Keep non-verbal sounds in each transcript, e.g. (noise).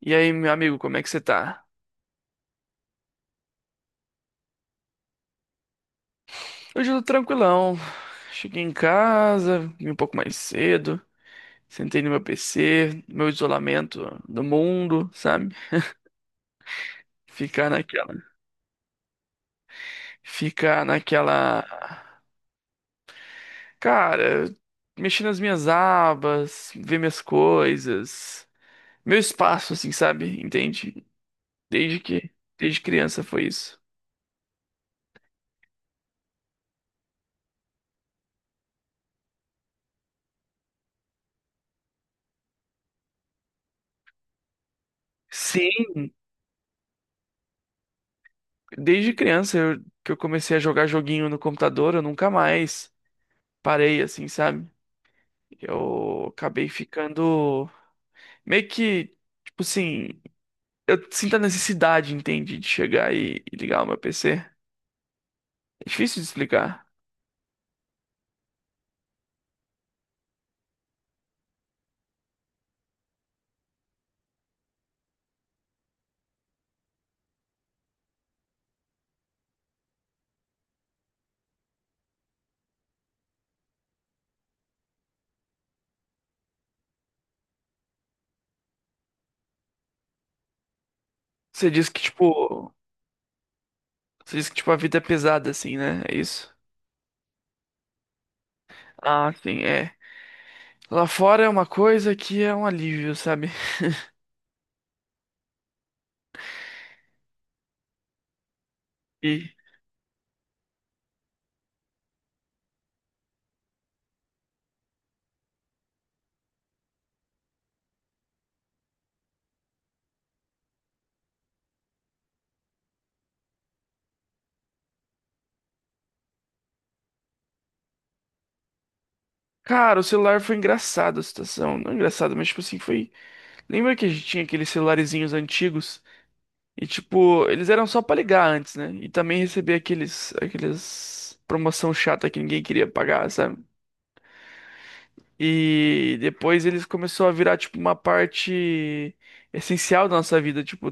E aí, meu amigo, como é que você tá? Hoje eu tô tranquilão. Cheguei em casa, vim um pouco mais cedo, sentei no meu PC, meu isolamento do mundo, sabe? Ficar naquela, ficar naquela, cara, mexer nas minhas abas, ver minhas coisas, meu espaço, assim, sabe? Entende? Desde que, Desde criança foi isso. Sim, desde criança que eu comecei a jogar joguinho no computador, eu nunca mais parei, assim, sabe? Eu acabei ficando meio que, tipo assim, eu sinto a necessidade, entende, de chegar e ligar o meu PC. É difícil de explicar. Você diz que, tipo, Você diz que, tipo, a vida é pesada, assim, né? É isso? Ah, sim, é. Lá fora é uma coisa que é um alívio, sabe? E, cara, o celular foi engraçado a situação. Não engraçado, mas, tipo assim, foi. Lembra que a gente tinha aqueles celularezinhos antigos? E tipo, eles eram só pra ligar antes, né? E também receber aqueles promoção chata que ninguém queria pagar, sabe? E depois eles começou a virar tipo uma parte essencial da nossa vida, tipo,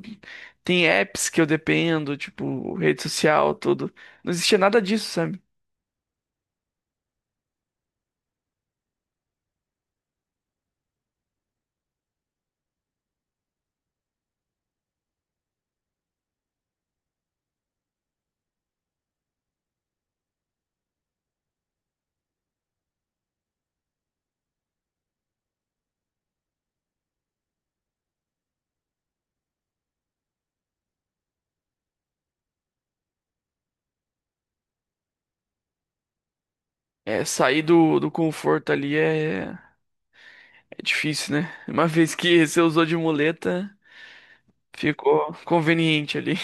tem apps que eu dependo, tipo, rede social, tudo. Não existia nada disso, sabe? É, sair do conforto ali é difícil, né? Uma (laughs) vez que você usou de muleta, ficou conveniente ali.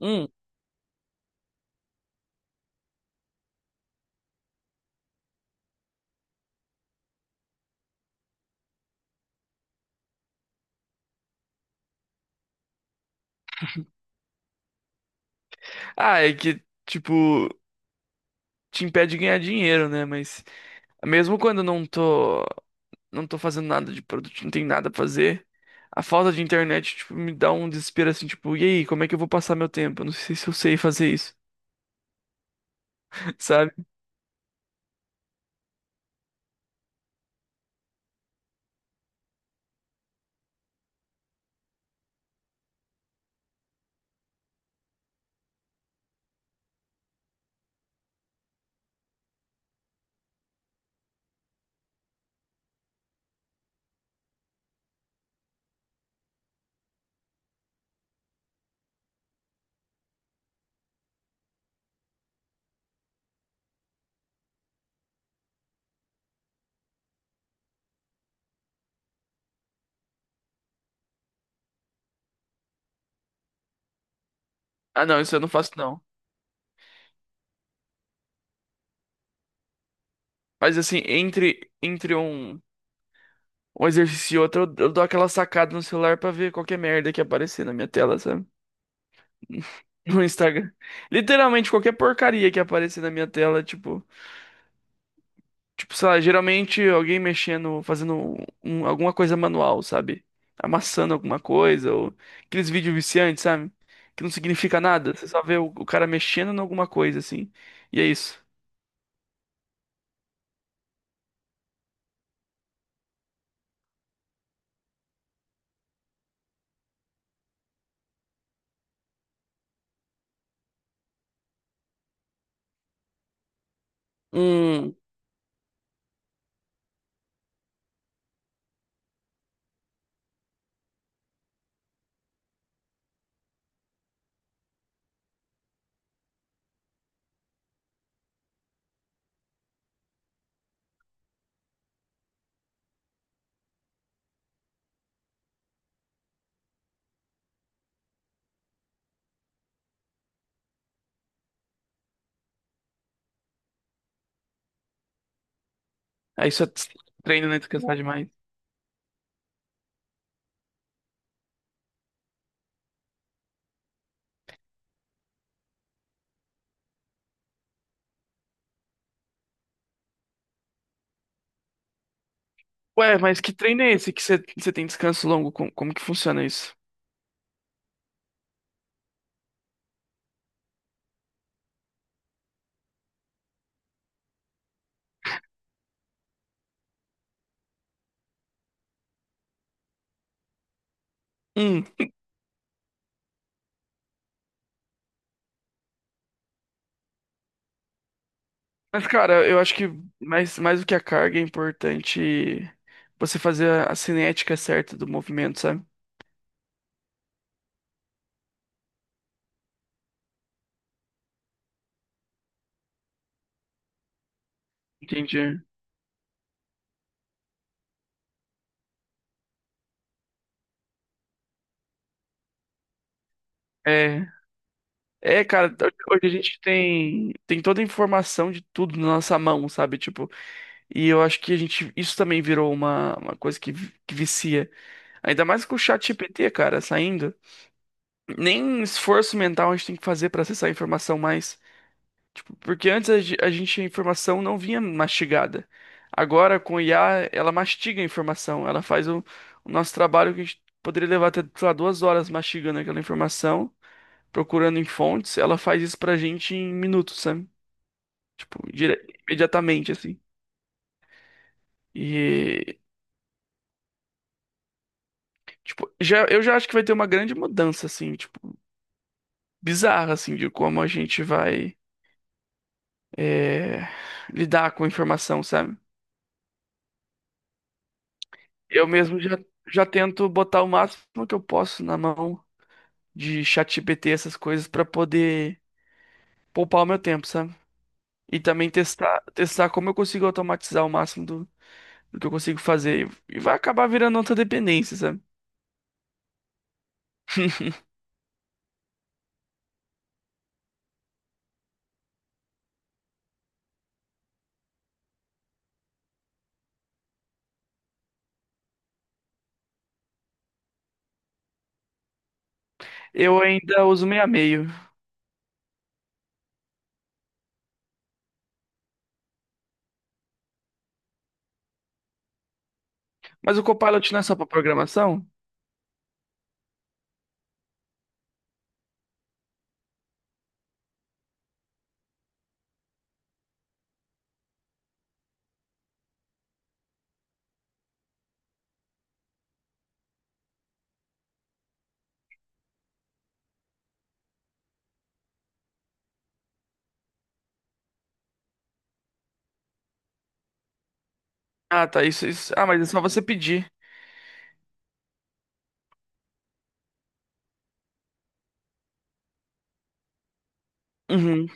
Hum, Ah, é que, tipo, te impede de ganhar dinheiro, né? Mas mesmo quando eu não tô fazendo nada de produto, não tem nada pra fazer, a falta de internet, tipo, me dá um desespero assim, tipo, e aí, como é que eu vou passar meu tempo? Eu não sei se eu sei fazer isso, (laughs) sabe? Ah, não, isso eu não faço não. Mas assim, entre um exercício e outro, eu dou aquela sacada no celular pra ver qualquer merda que aparecer na minha tela, sabe? (laughs) No Instagram. Literalmente qualquer porcaria que aparecer na minha tela, tipo, sei lá, geralmente alguém mexendo, fazendo alguma coisa manual, sabe? Amassando alguma coisa, ou aqueles vídeos viciantes, sabe? Que não significa nada, você só vê o cara mexendo em alguma coisa, assim. E é isso. Hum, aí só treino, né? Descansar demais. Ué, mas que treino é esse que você tem descanso longo? Como que funciona isso? Hum, mas cara, eu acho que mais do que a carga é importante você fazer a cinética certa do movimento, sabe? Entendi. É. É, cara, hoje a gente tem toda a informação de tudo na nossa mão, sabe? Tipo, e eu acho que a gente, isso também virou uma coisa que, que vicia. Ainda mais com o chat GPT, cara, saindo. Nem esforço mental a gente tem que fazer pra acessar a informação mais. Tipo, porque antes a, ge- a gente, a informação não vinha mastigada. Agora, com o IA, ela mastiga a informação. Ela faz o nosso trabalho que a gente poderia levar até, sei lá, 2 horas mastigando aquela informação procurando em fontes, ela faz isso pra gente em minutos, sabe? Tipo, imediatamente, assim. E, tipo, eu já acho que vai ter uma grande mudança, assim, tipo, bizarra, assim, de como a gente vai é, lidar com a informação, sabe? Eu mesmo já tento botar o máximo que eu posso na mão de ChatGPT, essas coisas, pra poder poupar o meu tempo, sabe? E também testar como eu consigo automatizar o máximo do que eu consigo fazer. E vai acabar virando outra dependência, sabe? (laughs) Eu ainda uso meio a meio. Mas o Copilot não é só pra programação? Ah, tá. Isso, isso. Ah, mas é só você pedir. Uhum.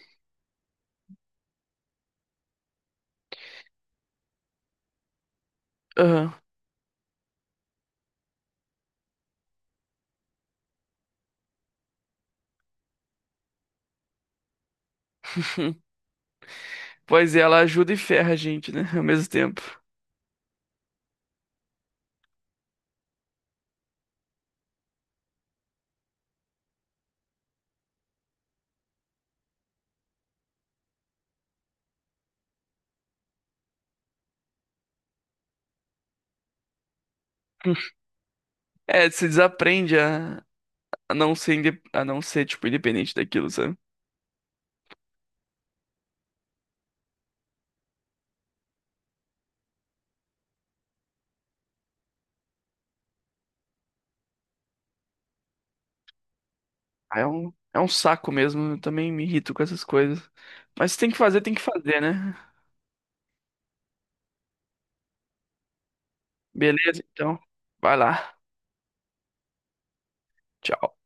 Aham. (laughs) Pois é, ela ajuda e ferra a gente, né? Ao mesmo tempo. (laughs) É, você desaprende a não ser, tipo, independente daquilo, sabe? Ah, É um saco mesmo. Eu também me irrito com essas coisas. Mas se tem que fazer, tem que fazer, né? Beleza, então. Vai lá. Tchau.